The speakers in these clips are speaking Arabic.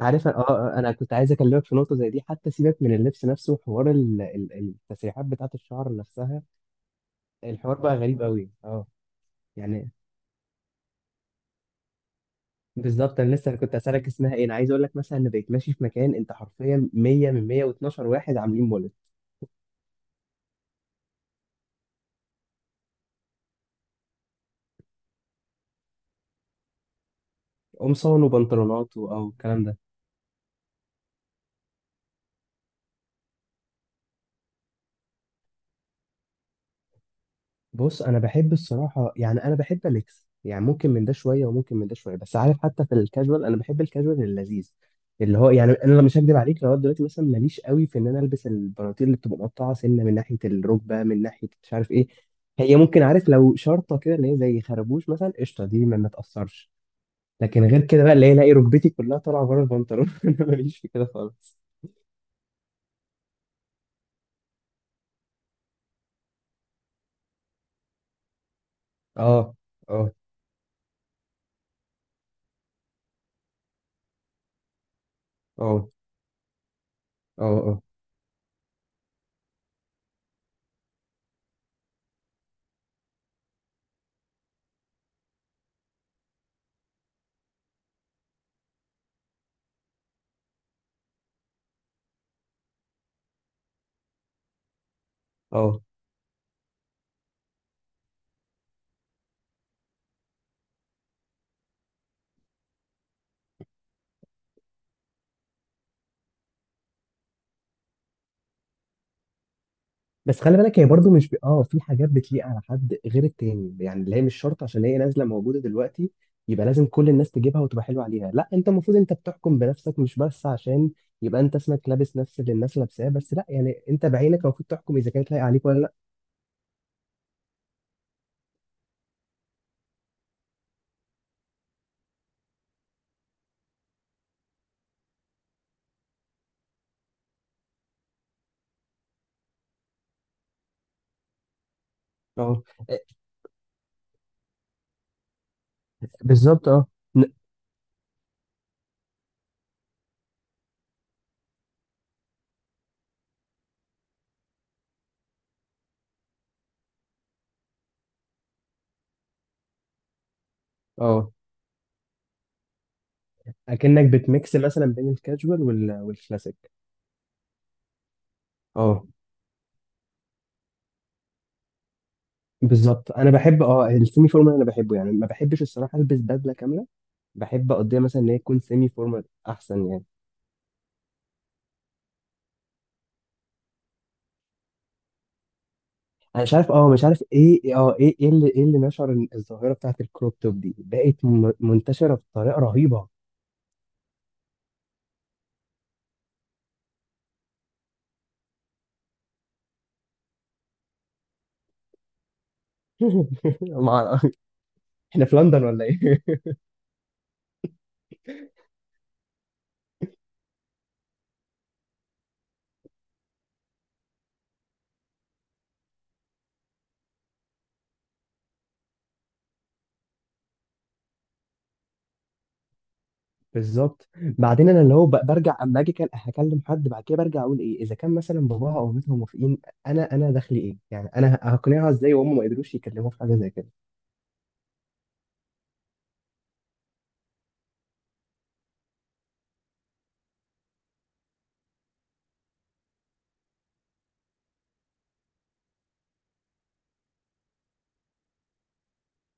عارف، انا كنت عايز اكلمك في نقطه زي دي، حتى سيبك من اللبس نفسه. حوار التسريحات بتاعت الشعر نفسها، الحوار بقى غريب قوي اه. يعني بالظبط، انا لسه كنت اسالك اسمها ايه. انا عايز اقول لك مثلا انا بقيت ماشي في مكان، انت حرفيا 100 من 112 واحد عاملين مولد قمصان وبنطلونات او الكلام ده. بص، انا بحب الصراحه، يعني انا بحب ميكس، يعني ممكن من ده شويه وممكن من ده شويه. بس عارف، حتى في الكاجوال انا بحب الكاجوال اللذيذ اللي هو، يعني انا لو مش هكدب عليك، لو دلوقتي مثلا ماليش قوي في ان انا البس البناطيل اللي بتبقى مقطعه سنه من ناحيه الركبه، من ناحيه مش عارف ايه. هي ممكن، عارف، لو شرطه كده اللي هي زي خربوش مثلا، قشطه، دي ما تاثرش. لكن غير كده بقى اللي هي الاقي ركبتي كلها طالعه بره البنطلون، انا ماليش في كده خالص. اه اه اه اه اه اه. بس خلي بالك، هي برضو مش ب... اه في حاجات بتليق على حد غير التاني، يعني اللي هي مش شرط عشان هي نازله موجوده دلوقتي يبقى لازم كل الناس تجيبها وتبقى حلوه عليها. لا، انت المفروض انت بتحكم بنفسك، مش بس عشان يبقى انت اسمك لابس نفس اللي الناس لابساه. بس لا، يعني انت بعينك المفروض تحكم اذا كانت لايقه عليك ولا لا. اه، بالظبط. اه، ن- اه، اكنك بتميكس مثلا بين الكاجوال والكلاسيك. اه، بالظبط. انا بحب اه السيمي فورمال، انا بحبه، يعني ما بحبش الصراحه البس بدله كامله، بحب اقضيها مثلا ان هي تكون سيمي فورمال احسن يعني. انا مش عارف، اه مش عارف ايه، اه ايه ايه اللي ايه اللي نشر إن الظاهره بتاعت الكروب توب دي بقت منتشره بطريقه رهيبه. مع... احنا في لندن ولا ايه؟ بالظبط. بعدين انا اللي هو برجع اما اجي، كان هكلم حد، بعد كده برجع اقول ايه اذا كان مثلا باباها او مامتها موافقين. انا دخلي ايه؟ يعني انا هقنعها ازاي وهم ما قدروش يكلموها في حاجه زي كده.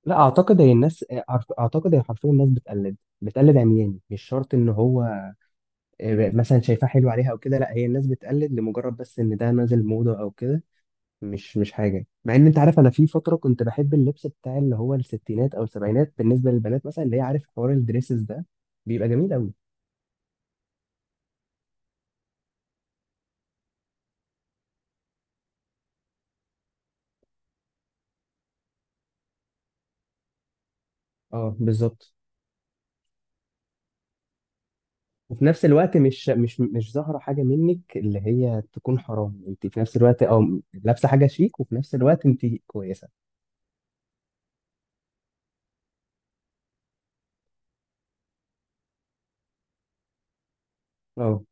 لا، اعتقد هي الناس، اعتقد هي حرفيا الناس بتقلد عمياني، مش شرط ان هو آه، مثلا شايفاه حلو عليها او كده. لا، هي الناس بتقلد لمجرد بس ان ده نازل موضه او كده، مش حاجه. مع ان انت عارف، انا في فتره كنت بحب اللبس بتاع اللي هو الستينات او السبعينات بالنسبه للبنات مثلا، اللي هي عارف حوار الدريسز ده، بيبقى جميل قوي. اه، بالظبط. وفي نفس الوقت مش ظاهره حاجه منك اللي هي تكون حرام، انت في نفس الوقت اه لابسه حاجه شيك وفي نفس الوقت انت كويسه. اه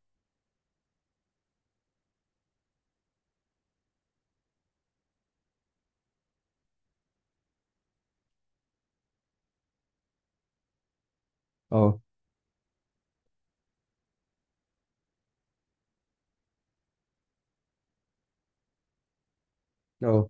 اه اه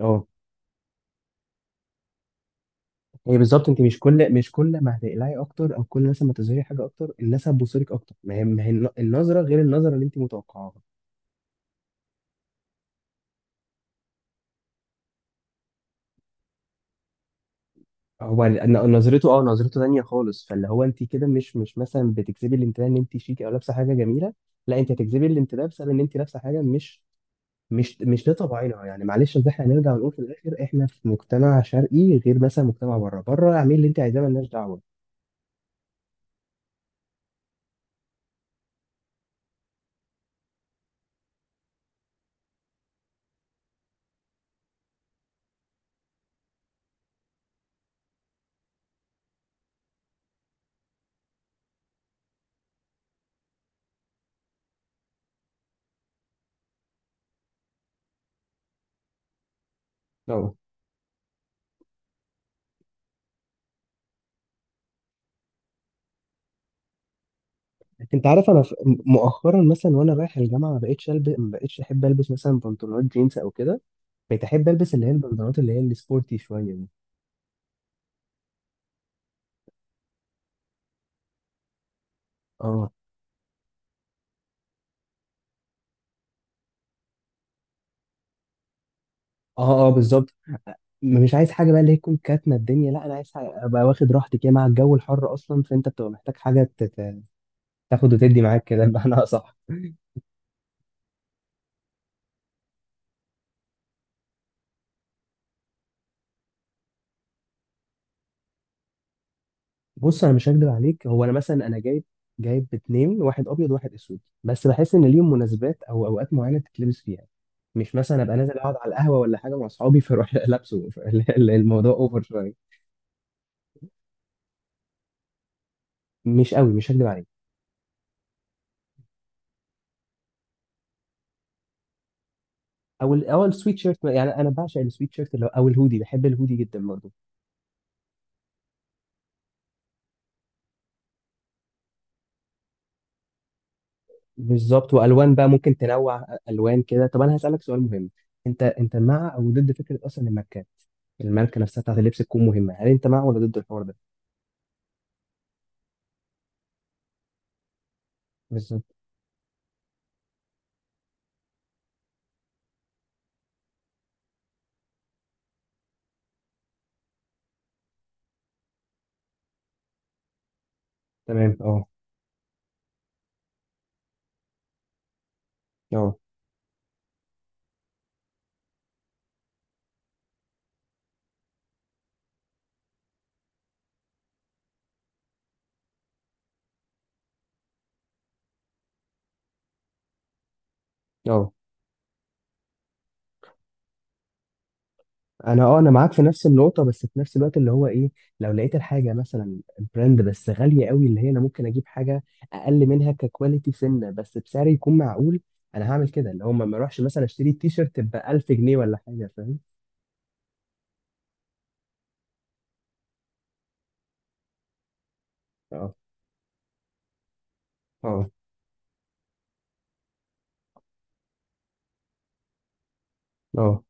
اه. هي بالظبط، انت مش كل ما هتقلعي اكتر، او كل مثلا ما تظهري حاجه اكتر الناس هتبصلك اكتر، ما هي النظره غير النظره اللي انت متوقعاها. هو نظرته اه، نظرته تانية خالص. فاللي هو انت كده مش مثلا بتجذبي الانتباه ان انت شيك او لابسه حاجه جميله. لا، انت هتجذبي الانتباه بسبب ان انت لابسه حاجه مش لطبعنا، يعني معلش، اصل احنا هنرجع ونقول في الاخر احنا في مجتمع شرقي، غير مثلا مجتمع بره. بره اعملي اللي انت عايزاه، ملناش دعوه. انت عارف، انا مؤخرا مثلا وانا رايح الجامعه ما بقتش احب البس مثلا بنطلونات جينز او كده. بقيت احب البس اللي هي البنطلونات اللي هي السبورتي شويه دي. اه اه اه، بالظبط. مش عايز حاجه بقى اللي هي تكون كاتمه الدنيا، لا انا عايز حاجة ابقى واخد راحتي كده مع الجو الحر اصلا. فانت بتبقى محتاج حاجه تاخد وتدي معاك كده، بمعنى اصح. بص انا مش هكدب عليك، هو انا مثلا انا جايب اتنين، واحد ابيض وواحد اسود، بس بحس ان ليهم مناسبات او اوقات معينه تتلبس فيها. مش مثلا ابقى نازل اقعد على القهوه ولا حاجه مع اصحابي فاروح لابسه، الموضوع اوفر شويه. مش قوي، مش هكدب عليك. او السويت شيرت، يعني انا بعشق السويت شيرت اللي او الهودي، بحب الهودي جدا برضه. بالظبط، والوان بقى ممكن تنوع الوان كده. طب انا هسالك سؤال مهم، انت مع او ضد فكره اصلا الماركات، الماركه نفسها بتاعت اللبس تكون مهمه؟ هل انت مع ولا ضد الحوار ده؟ بالظبط، تمام. اه اه اه، انا اه، انا معاك في نفس النقطه، بس في نفس الوقت اللي هو ايه، لو لقيت الحاجه مثلا براند بس غاليه قوي، اللي هي انا ممكن اجيب حاجه اقل منها ككواليتي سنه بس بسعر يكون معقول، انا هعمل كده. اللي هو ما اروحش مثلا اشتري تي شيرت ب 1000 جنيه ولا حاجه، فاهم. اه اه اه،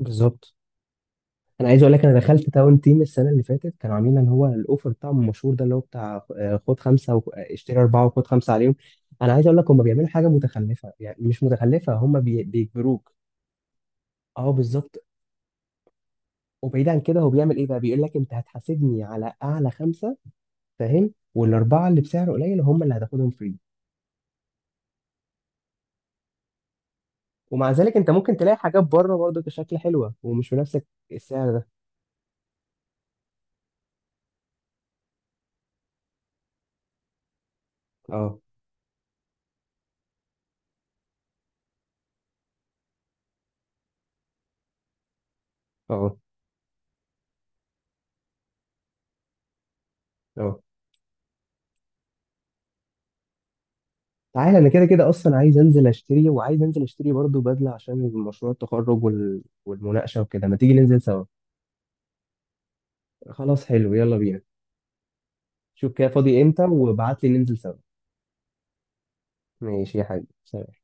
بالظبط. انا عايز اقول لك، انا دخلت تاون تيم السنه اللي فاتت كانوا عاملين اللي هو الاوفر بتاعهم المشهور ده، اللي هو بتاع آه، خد خمسه واشتري اربعه وخد خمسه عليهم. انا عايز اقول لك هم بيعملوا حاجه متخلفه، يعني مش متخلفه، هم بيجبروك. اه، بالظبط. وبعيد عن كده، هو بيعمل ايه بقى؟ بيقول لك انت هتحاسبني على اعلى خمسه، فاهم، والاربعه اللي بسعر قليل هم اللي هتاخدهم فري. ومع ذلك، انت ممكن تلاقي حاجات بره برضه كشكل حلوه ومش بنفس السعر ده. اه اه اه. تعالى، انا كده كده اصلا عايز انزل اشتري، وعايز انزل اشتري برضه بدله عشان مشروع التخرج والمناقشه وكده، ما تيجي ننزل سوا. خلاص حلو، يلا بينا. شوف كده فاضي امتى وابعت لي ننزل سوا. ماشي يا حبيبي، سلام.